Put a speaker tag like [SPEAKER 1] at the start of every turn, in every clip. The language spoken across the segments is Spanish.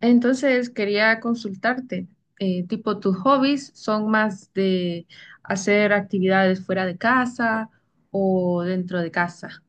[SPEAKER 1] Entonces quería consultarte, tipo, ¿tus hobbies son más de hacer actividades fuera de casa o dentro de casa?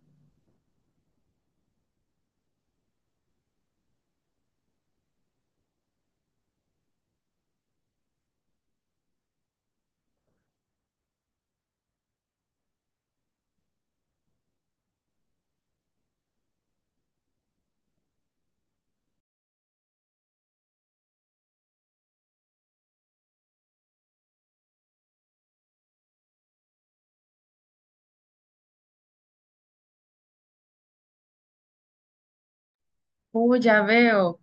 [SPEAKER 1] Oh, ya veo.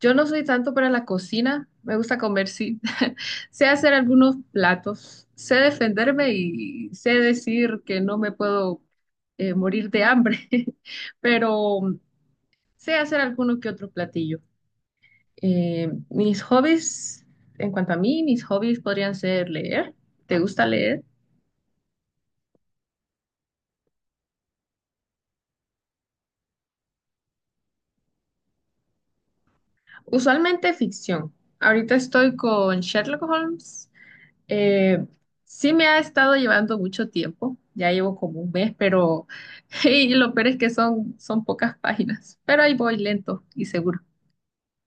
[SPEAKER 1] Yo no soy tanto para la cocina, me gusta comer, sí. Sé hacer algunos platos, sé defenderme y sé decir que no me puedo morir de hambre, pero sé hacer alguno que otro platillo. Mis hobbies, en cuanto a mí, mis hobbies podrían ser leer. ¿Te gusta leer? Usualmente ficción. Ahorita estoy con Sherlock Holmes. Eh, sí me ha estado llevando mucho tiempo. Ya llevo como un mes, pero y lo peor es que son pocas páginas. Pero ahí voy lento y seguro.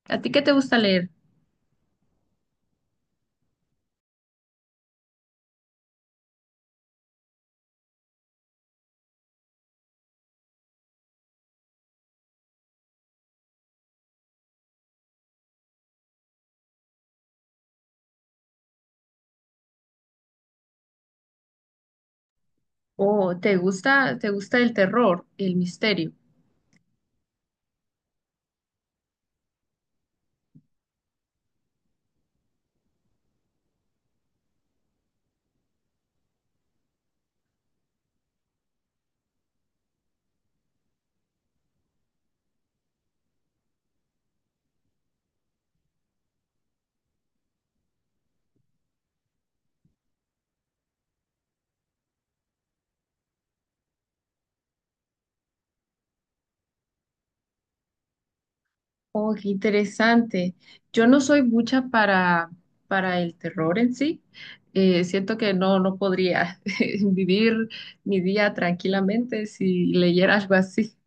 [SPEAKER 1] ¿A ti qué te gusta leer? ¿O te gusta el terror, el misterio? Oh, qué interesante. Yo no soy mucha para el terror en sí. Siento que no, no podría vivir mi día tranquilamente si leyera algo así.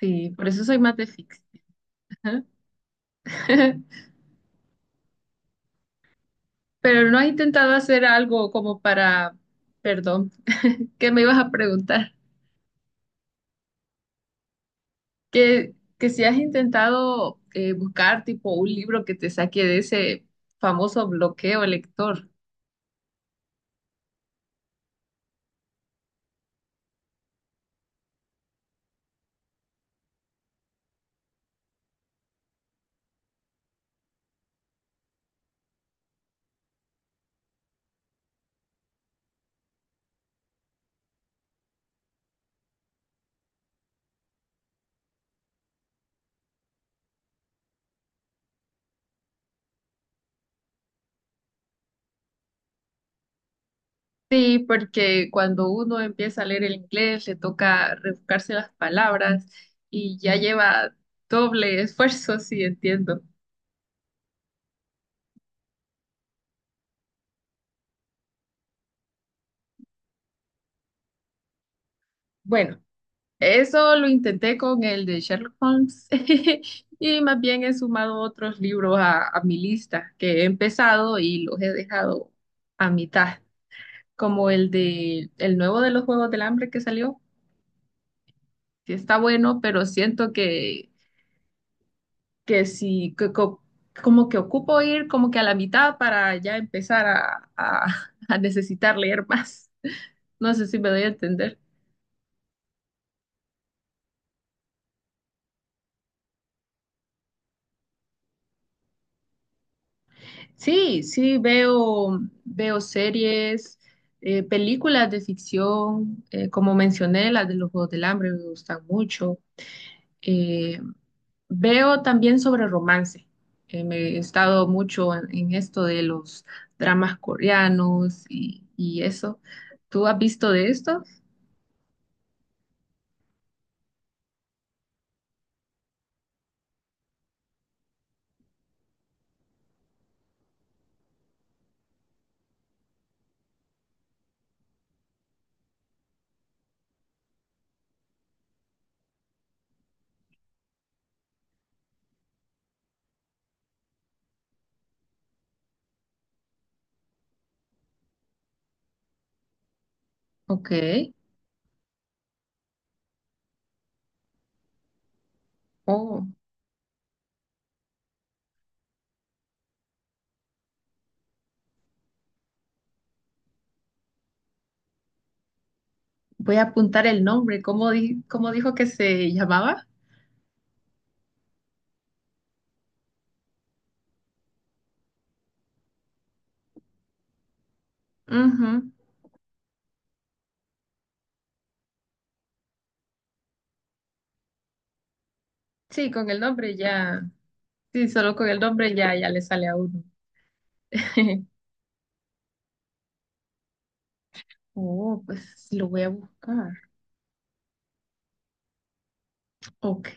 [SPEAKER 1] Sí, por eso soy más de ficción. Ajá. Pero no has intentado hacer algo como para, perdón, ¿qué me ibas a preguntar? Que si has intentado buscar tipo un libro que te saque de ese famoso bloqueo lector. Sí, porque cuando uno empieza a leer el inglés le toca rebuscarse las palabras y ya lleva doble esfuerzo, sí, entiendo. Bueno, eso lo intenté con el de Sherlock Holmes y más bien he sumado otros libros a mi lista que he empezado y los he dejado a mitad, como el de el nuevo de los Juegos del Hambre que salió, que está bueno, pero siento que si, que co- como que ocupo ir como que a la mitad para ya empezar a necesitar leer más. No sé si me doy a entender. Sí, sí, veo series, películas de ficción, como mencioné, las de los Juegos del Hambre me gustan mucho. Eh, Veo también sobre romance. Me he estado mucho en esto de los dramas coreanos y eso. ¿Tú has visto de esto? Ok. Oh, voy a apuntar el nombre. ¿Cómo dijo que se llamaba? Ujú. Sí, con el nombre ya. Sí, solo con el nombre ya, ya le sale a uno. Oh, pues lo voy a buscar. Ok,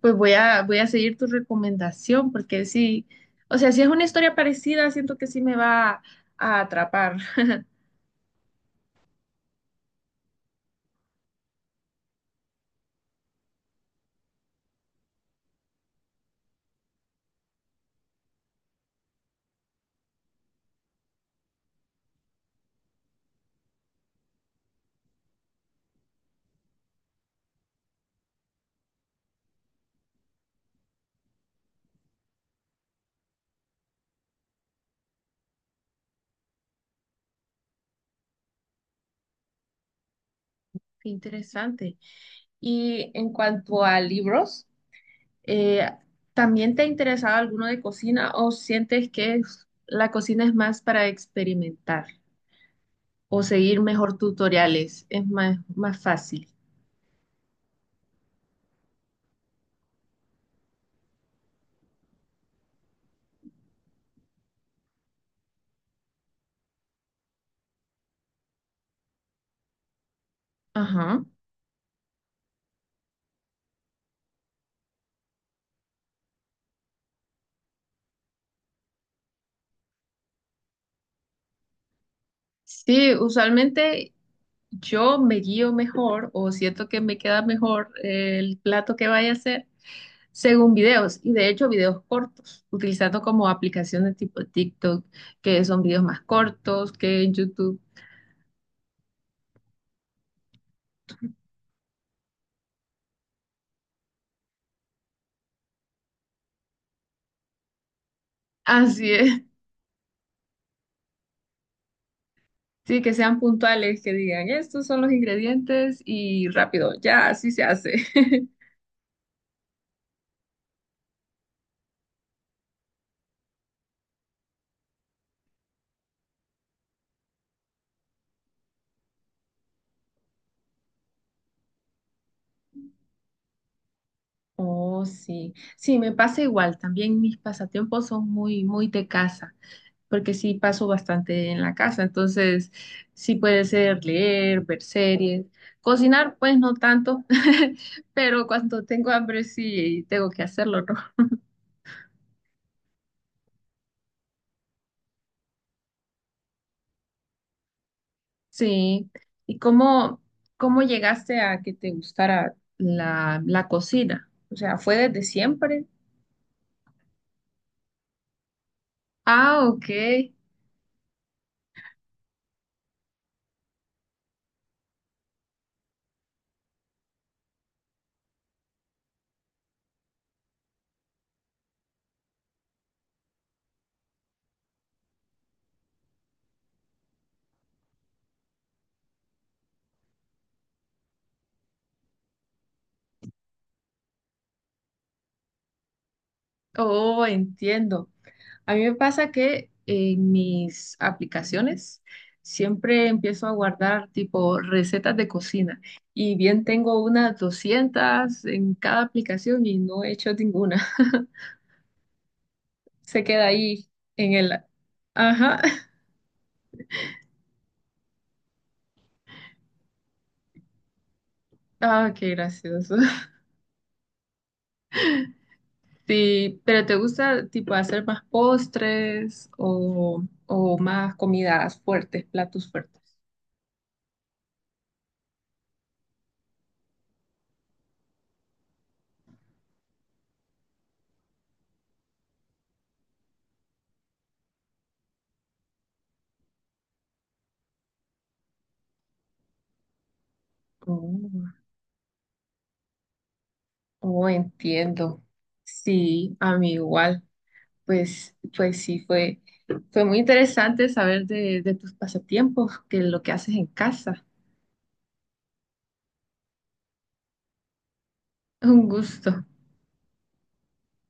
[SPEAKER 1] pues voy a seguir tu recomendación porque sí, o sea, si es una historia parecida, siento que sí me va a atrapar. Qué interesante. Y en cuanto a libros. Eh, ¿También te ha interesado alguno de cocina o sientes que la cocina es más para experimentar o seguir mejor tutoriales? Es más, más fácil. Ajá. Sí, usualmente yo me guío mejor o siento que me queda mejor el plato que vaya a hacer según videos y de hecho videos cortos, utilizando como aplicaciones tipo TikTok, que son videos más cortos que en YouTube. Así es. Sí, que sean puntuales, que digan, estos son los ingredientes y rápido, ya así se hace. Oh, sí. Sí, me pasa igual. También mis pasatiempos son muy, muy de casa, porque sí paso bastante en la casa. Entonces, sí puede ser leer, ver series, cocinar, pues no tanto, pero cuando tengo hambre sí tengo que hacerlo, ¿no? Sí. ¿Y cómo, cómo llegaste a que te gustara la cocina? O sea, ¿fue desde siempre? Ah, ok. Oh, entiendo. A mí me pasa que en mis aplicaciones siempre empiezo a guardar tipo recetas de cocina y bien tengo unas 200 en cada aplicación y no he hecho ninguna. Se queda ahí en el... Ajá. Ah, qué gracioso. Sí, pero ¿te gusta tipo hacer más postres o más comidas fuertes, platos fuertes? Oh. Oh, entiendo. Sí, a mí igual. Pues, pues sí, fue, fue muy interesante saber de tus pasatiempos, que lo que haces en casa. Un gusto.